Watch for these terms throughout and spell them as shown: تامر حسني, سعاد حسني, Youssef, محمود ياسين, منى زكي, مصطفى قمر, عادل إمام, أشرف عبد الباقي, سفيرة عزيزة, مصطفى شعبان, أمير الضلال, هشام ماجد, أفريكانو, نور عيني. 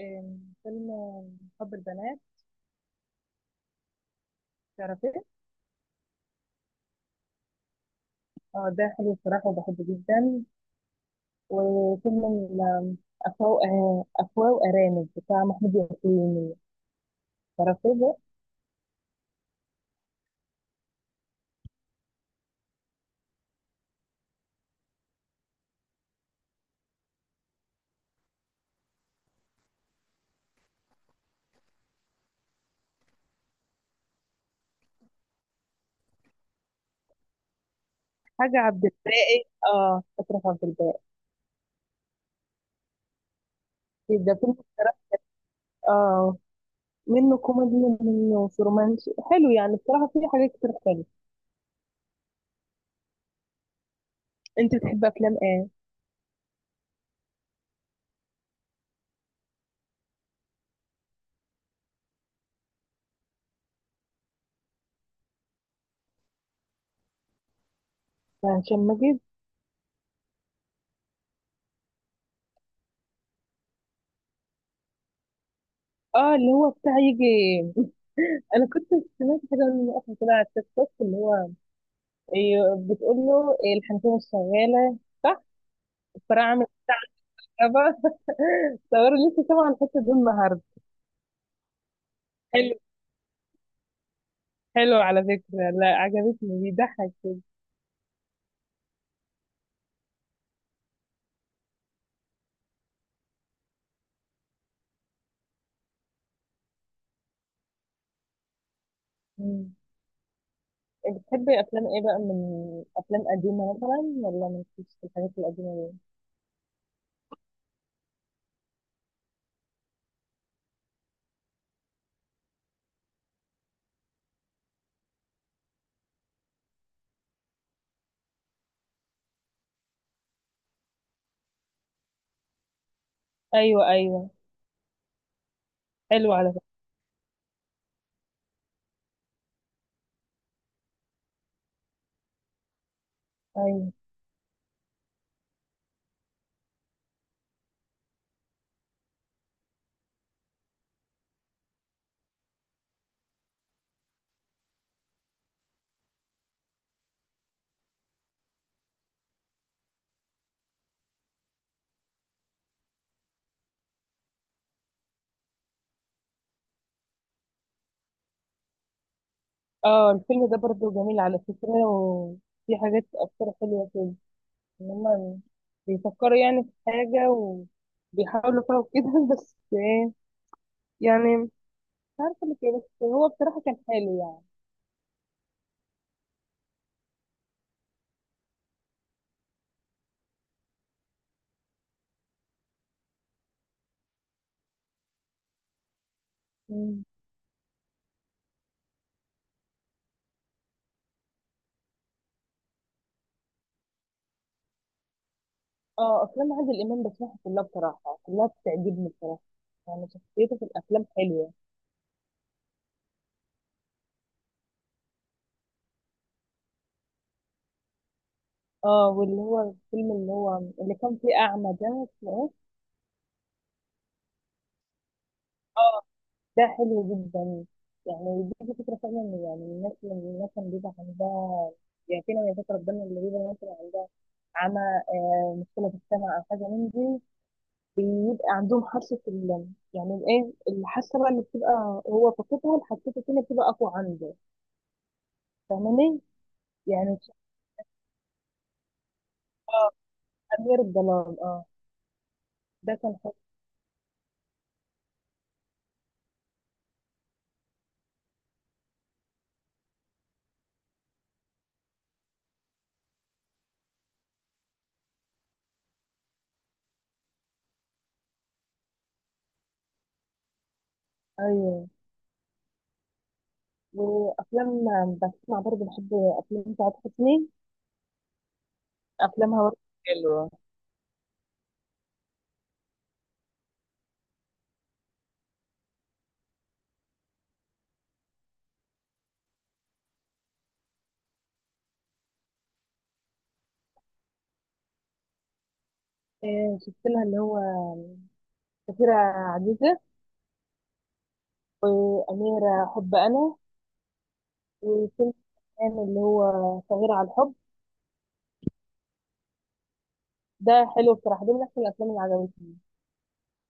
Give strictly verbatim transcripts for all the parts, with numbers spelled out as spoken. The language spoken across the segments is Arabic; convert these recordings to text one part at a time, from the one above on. آم، فيلم حب البنات. تعرفيه؟ اه، ده حلو بصراحة وبحبه جدا. وفيلم ال- أفواه آه، أفواه وأرانب بتاع محمود ياسين، تعرفيه ده؟ حاجة عبد الباقي، اه أشرف عبد الباقي. ده فيلم بصراحة، اه، منه كوميدي، منه رومانسي حلو، يعني بصراحة فيه حاجات كتير حلوة. انت بتحب افلام ايه؟ بتاع هشام ماجد، اه اللي هو بتاع يجي. انا كنت سمعت حاجة من وقت كده على التيك توك، اللي هو إيه، بتقول له إيه، الحنفية مش شغالة. صح. الصراع عامل كهرباء. صور لسه سامعة الحتة دي النهاردة. حلو. حلو على فكرة، لا عجبتني، بيضحك كده. مم. بتحبي أفلام إيه بقى؟ من أفلام قديمة مثلا، ولا مالكيش في الحاجات القديمة دي؟ أيوه أيوه. حلو على فكرة. أيوه. اه، الفيلم ده برضه جميل على فكرة، وفي حاجات أفكار حلوة كده، إن هما بيفكروا يعني في حاجة وبيحاولوا فيها وكده. بس إيه يعني، مش عارفه اللي كده، بس هو بصراحه كان حلو يعني. مم. اه، افلام عادل امام بسمعها كلها بصراحه، كلها بتعجبني بصراحه، يعني شخصيته في الافلام حلوه. اه، واللي هو الفيلم اللي هو اللي كان فيه اعمى ده، اسمه ايه؟ اه، ده حلو جدا. يعني دي فكره فعلا، إن يعني الناس اللي الناس اللي بيبقى عندها، يعني فينا يا فكره ربنا، اللي بيبقى مثلا عمى، آه، مشكله في السمع او حاجه من دي، بيبقى عندهم حاسه ال- يعني ايه الحاسه بقى اللي بتبقى هو فاقدها، الحاسه التانيه بتبقى اقوى عنده. فاهماني يعني؟ اه، أمير الضلال، اه. ده كان حلو. أيوه، وأفلام، بسمع برضه، بحب أفلام سعاد حسني، أفلامها برضه حلوة. إيه شفت لها اللي هو سفيرة عزيزة، وأميرة حب أنا، وفيلم كان اللي هو صغير على الحب. ده حلو بصراحة، ده من أحسن الأفلام اللي عجبتني،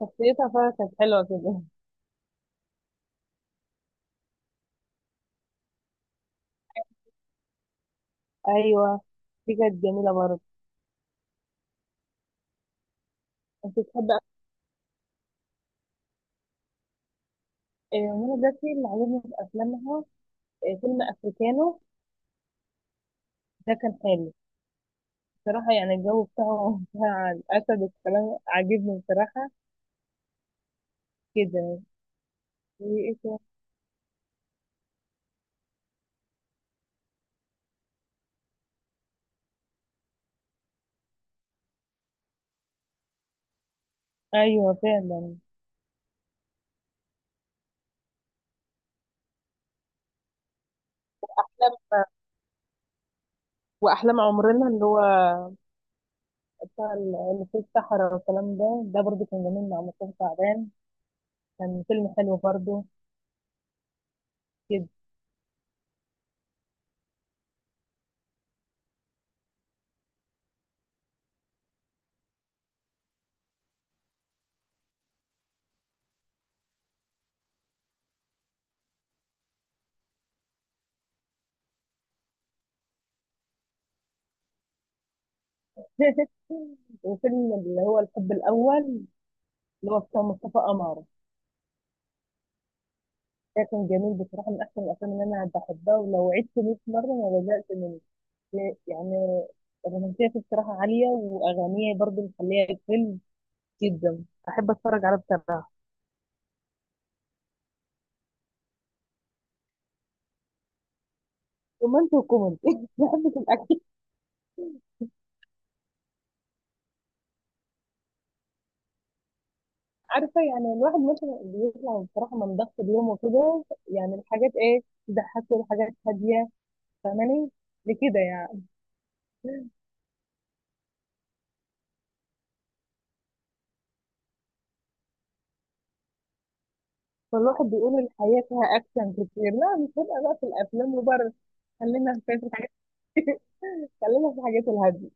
شخصيتها فعلا كانت حلوة كده. أيوه، دي كانت جميلة برضه. أنت بتحب أف- إيه منى زكي اللي عجبني في أفلامها، إيه، فيلم أفريكانو. ده كان حلو بصراحة، يعني الجو بتاعهم بتاع الأسد والكلام عاجبني بصراحة جدا. وإيه تاني؟ أيوة فعلا. وأحلام عمرنا، اللي هو بتاع ال- اللي في الصحراء والكلام ده، ده برضه كان جميل مع مصطفى شعبان، كان فيلم حلو برضه جدا. وفيلم اللي هو الحب الأول، اللي هو بتاع مصطفى قمر، ده كان جميل بصراحة، من أحسن الأفلام اللي أنا بحبها، ولو عدت مية مرة ما بزهقش منه يعني. الرومانسية فيه بصراحة عالية، وأغانيه برضه مخليها الفيلم جدا أحب أتفرج عليه بصراحة. رومانسي وكوميدي. بحب في الاكل. عارفه يعني، الواحد مثلا بيطلع بصراحه من ضغط اليوم وكده، يعني الحاجات ايه، تضحكه، الحاجات هاديه. فاهماني لكده يعني؟ فالواحد بيقول الحياه فيها اكشن كتير، لا مش هبقى بقى في الافلام وبره، خلينا في الحاجات، خلينا في الحاجات الهاديه.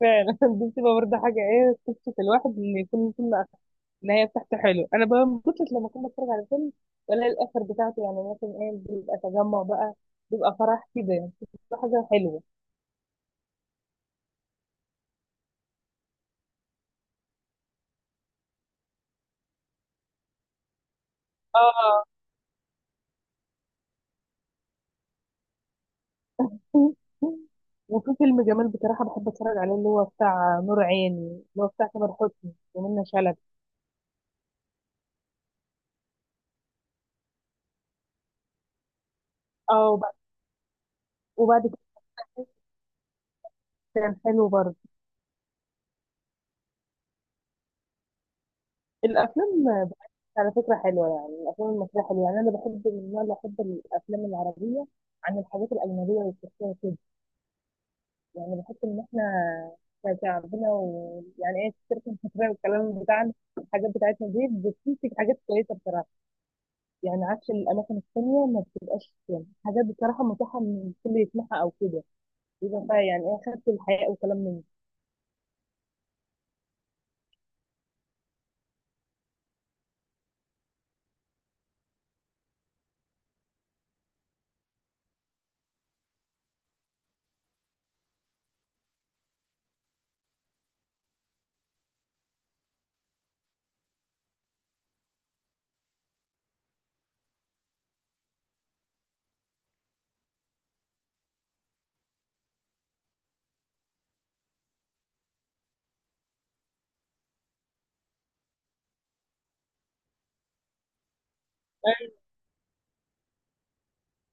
فعلا. دي بتبقى برضه حاجه ايه، تبسط الواحد ان يكون فيلم أك- النهايه بتاعته حلو. انا بقى ما كنتش، لما كنت بتفرج على فيلم ولا الاخر بتاعته، يعني مثلا ايه بيبقى تجمع بقى، بيبقى فرح كده يعني، بتبقى حاجه حلوه. اه، وفي فيلم جمال بصراحة بحب اتفرج عليه، اللي هو بتاع نور عيني، اللي هو بتاع تامر حسني ومنى شلبي. اه، وبعد، وبعد كده، كان حلو برضه. الافلام على فكرة حلوة، يعني الافلام المصرية حلوة، يعني انا بحب من النوع اللي، احب الافلام العربية عن الحاجات الاجنبية والتركية كده، يعني بحس ان احنا كشعبنا، ويعني ايه التركي المصرية والكلام بتاعنا، الحاجات بتاعتنا دي بتنتج حاجات كويسة بصراحة، يعني عكس الاماكن التانية، ما بتبقاش يعني حاجات بصراحة متاحة ان الكل يسمعها او كده، يبقى بقى يعني ايه خدت الحياء وكلام من ده.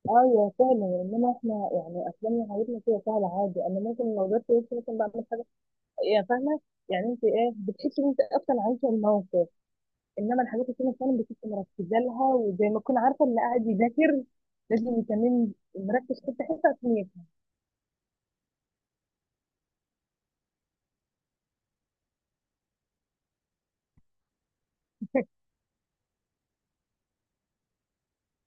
ايوه فعلا، انما احنا يعني افلامنا حياتنا كده سهله عادي، انا ممكن لو جبت وش مثلا بعمل حاجه، يا فاهمه، يعني انت ايه بتحسي ان انت اصلا عايشه الموقف. انما الحاجات اللي فعلا بتبقي مركزه لها، وزي ما تكون عارفه اللي قاعد يذاكر، لازم يكون مركز في حته عشان يفهم.